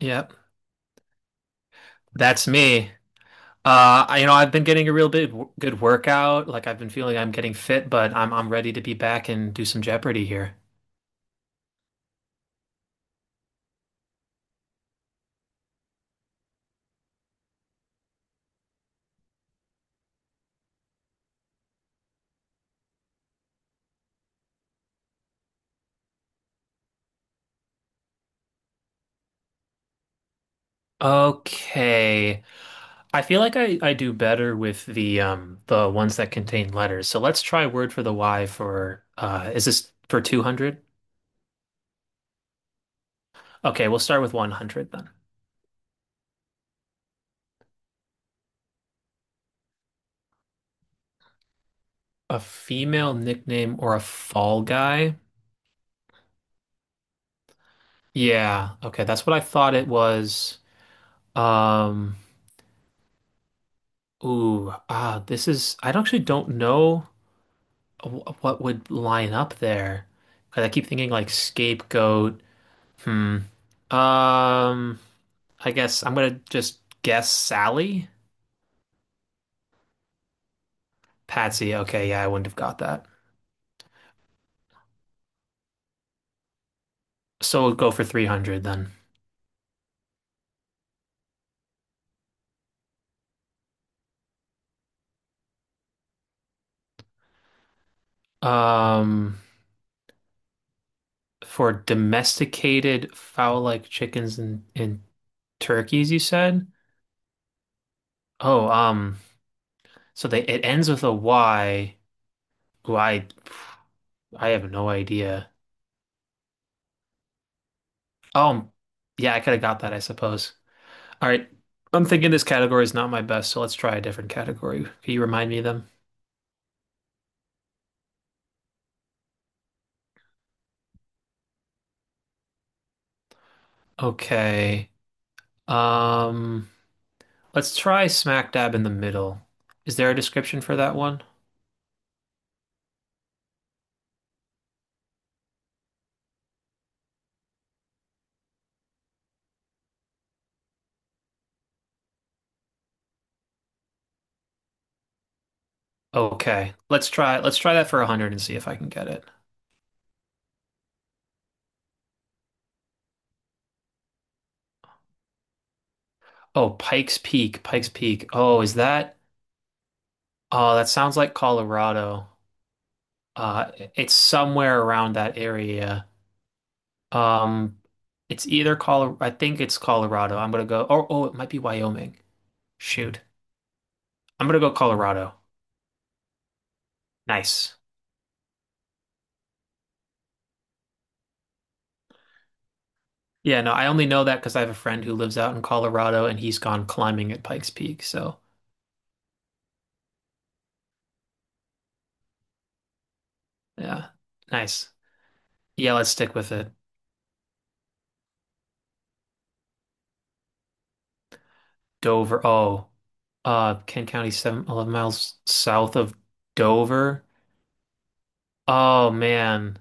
Yep, that's me. I, I've been getting a real big good workout. Like I've been feeling I'm getting fit, but I'm ready to be back and do some Jeopardy here. Okay. I feel like I do better with the ones that contain letters. So let's try word for the Y for is this for 200? Okay, we'll start with 100 then. A female nickname or a fall guy? Yeah. Okay, that's what I thought it was. Um Ooh, ah, this is, I don't- actually don't know what would line up there. 'Cause I keep thinking like scapegoat. Hmm. Um, I guess I'm gonna just guess Sally. Patsy. Okay, yeah, I wouldn't have got that. So we'll go for 300 then. Um, for domesticated fowl-like chickens and turkeys, you said? Oh, so they it ends with a Y. Ooh, I have no idea. Oh, yeah, I could have got that, I suppose. All right. I'm thinking this category is not my best, so let's try a different category. Can you remind me of them? Okay. Um, let's try smack dab in the middle. Is there a description for that one? Okay. Let's try that for 100 and see if I can get it. Oh, Pikes Peak, Pikes Peak. Oh, is that? Oh, that sounds like Colorado. It's somewhere around that area. Um, It's either Colorado. I think it's Colorado. I'm gonna go. Or oh, it might be Wyoming. Shoot, I'm gonna go Colorado. Nice. Yeah, no, I only know that because I have a friend who lives out in Colorado and he's gone climbing at Pikes Peak. So yeah, nice. Yeah, let's stick with it. Dover. Oh, Kent County, seven, 11 miles south of Dover. Oh man.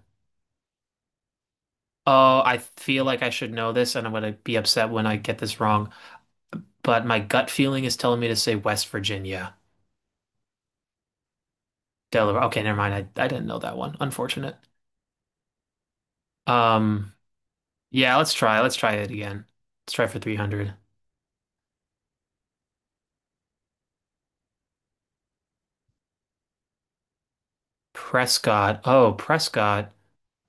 Oh, I feel like I should know this, and I'm gonna be upset when I get this wrong. But my gut feeling is telling me to say West Virginia. Delaware. Okay, never mind. I didn't know that one. Unfortunate. Um, yeah, let's try. Let's try it again. Let's try for 300. Prescott. Oh, Prescott.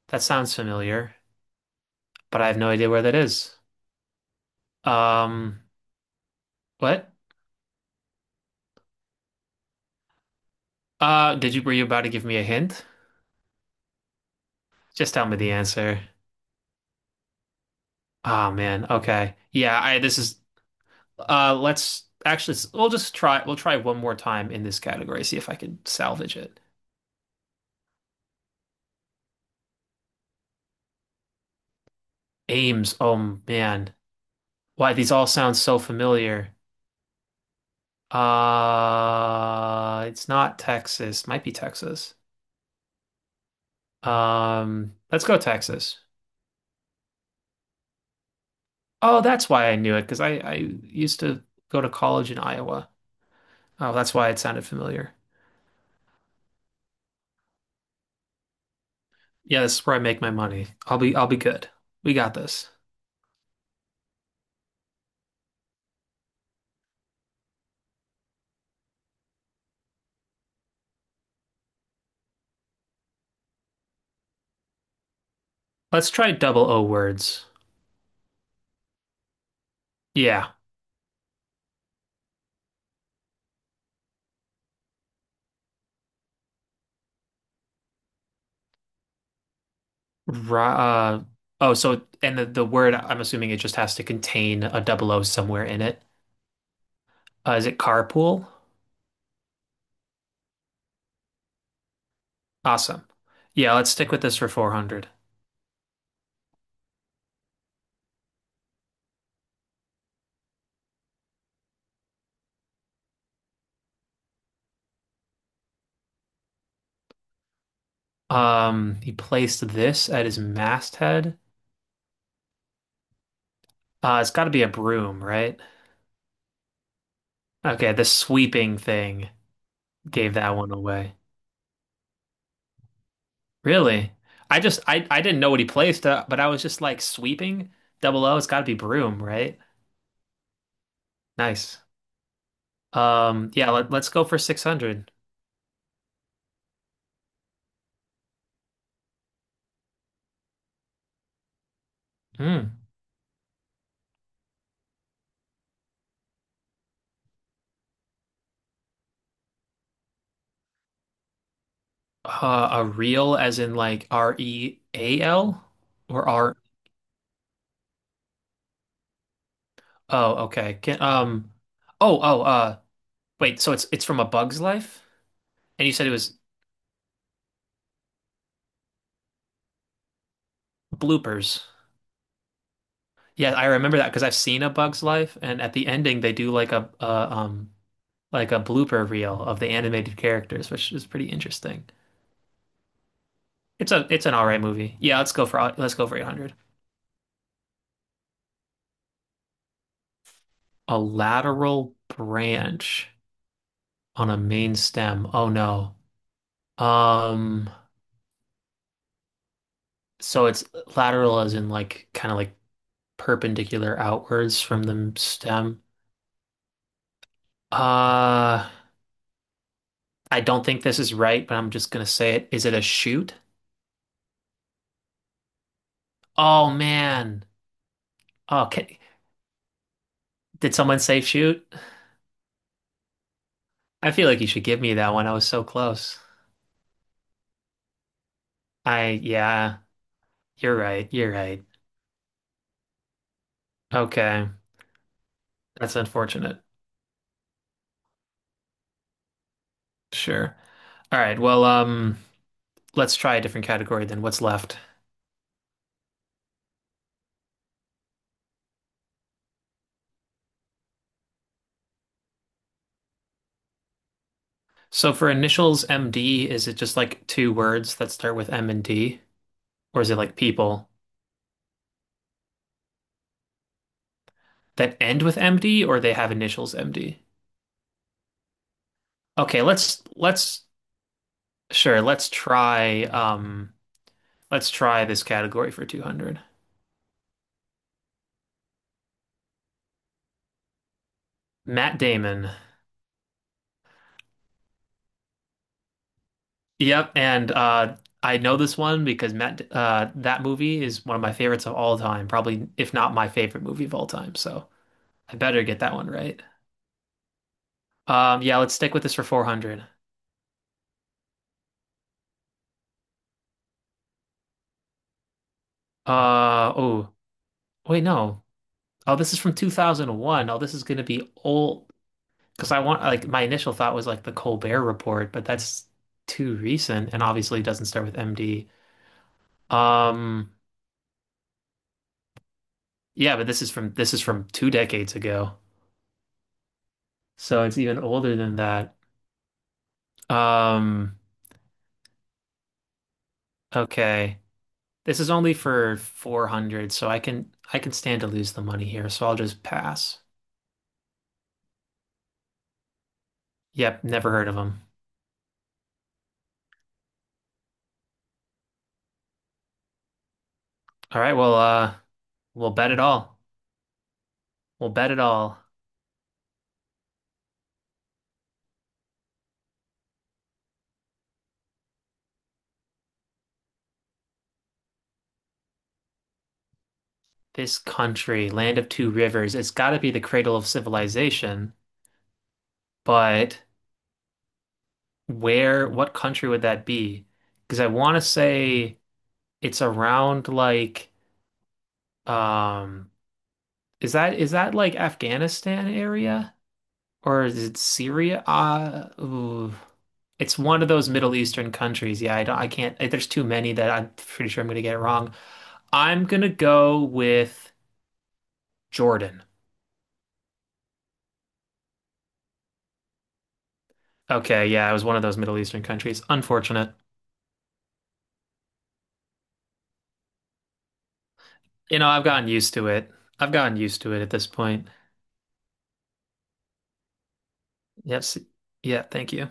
That sounds familiar, but I have no idea where that is. Um, what? Were you about to give me a hint? Just tell me the answer. Oh man. Okay. Let's actually, we'll just try, we'll try one more time in this category, see if I can salvage it. Ames. Oh man. Why, these all sound so familiar. It's not Texas. Might be Texas. Let's go Texas. Oh, that's why I knew it because I used to go to college in Iowa. Oh, that's why it sounded familiar. Yeah, this is where I make my money. I'll be good. We got this. Let's try double O words. Yeah. Ra oh, so and the word I'm assuming it just has to contain a double O somewhere in it. Is it carpool? Awesome. Yeah, let's stick with this for 400. He placed this at his masthead. It's got to be a broom, right? Okay, the sweeping thing gave that one away. Really? I just I didn't know what he placed, but I was just like sweeping. Double O, it's got to be broom, right? Nice. Let's go for 600. Hmm. A reel as in like REAL or R? Oh, okay. Can um oh, wait, so it's from A Bug's Life? And you said it was bloopers. Yeah, I remember that because I've seen A Bug's Life, and at the ending they do like a like a blooper reel of the animated characters, which is pretty interesting. It's an all right movie. Yeah, let's go for 800. A lateral branch on a main stem. Oh no. Um, so it's lateral as in like kind of like perpendicular outwards from the stem. Uh, I don't think this is right, but I'm just gonna say it. Is it a shoot? Oh man. Oh, can, Did someone say shoot? I feel like you should give me that one. I was so close. Yeah, you're right. You're right. Okay. That's unfortunate. Sure. All right. Well, let's try a different category. Then what's left. So for initials MD, is it just like two words that start with M and D? Or is it like people that end with MD or they have initials MD? Okay, sure, let's try um let's try this category for 200. Matt Damon. Yep, and I know this one because that movie is one of my favorites of all time, probably if not my favorite movie of all time. So I better get that one right. Yeah, let's stick with this for 400. Oh, wait, no. Oh, this is from 2001. Oh, this is gonna be old because I want like my initial thought was like the Colbert Report, but that's too recent and obviously doesn't start with MD. Um, yeah, but this is from two decades ago, so it's even older than that. Um, Okay. This is only for 400, so I can stand to lose the money here, so I'll just pass. Yep, never heard of them. All right, well, we'll bet it all. We'll bet it all. This country, land of two rivers, it's got to be the cradle of civilization, but where, what country would that be? Because I want to say it's around like um is that like Afghanistan area? Or is it Syria? Ooh. It's one of those Middle Eastern countries. Yeah, I don't, I can't, eh, there's too many that I'm pretty sure I'm gonna get it wrong. I'm gonna go with Jordan. Okay, yeah, it was one of those Middle Eastern countries. Unfortunate. You know, I've gotten used to it. I've gotten used to it at this point. Yes. Yeah, thank you.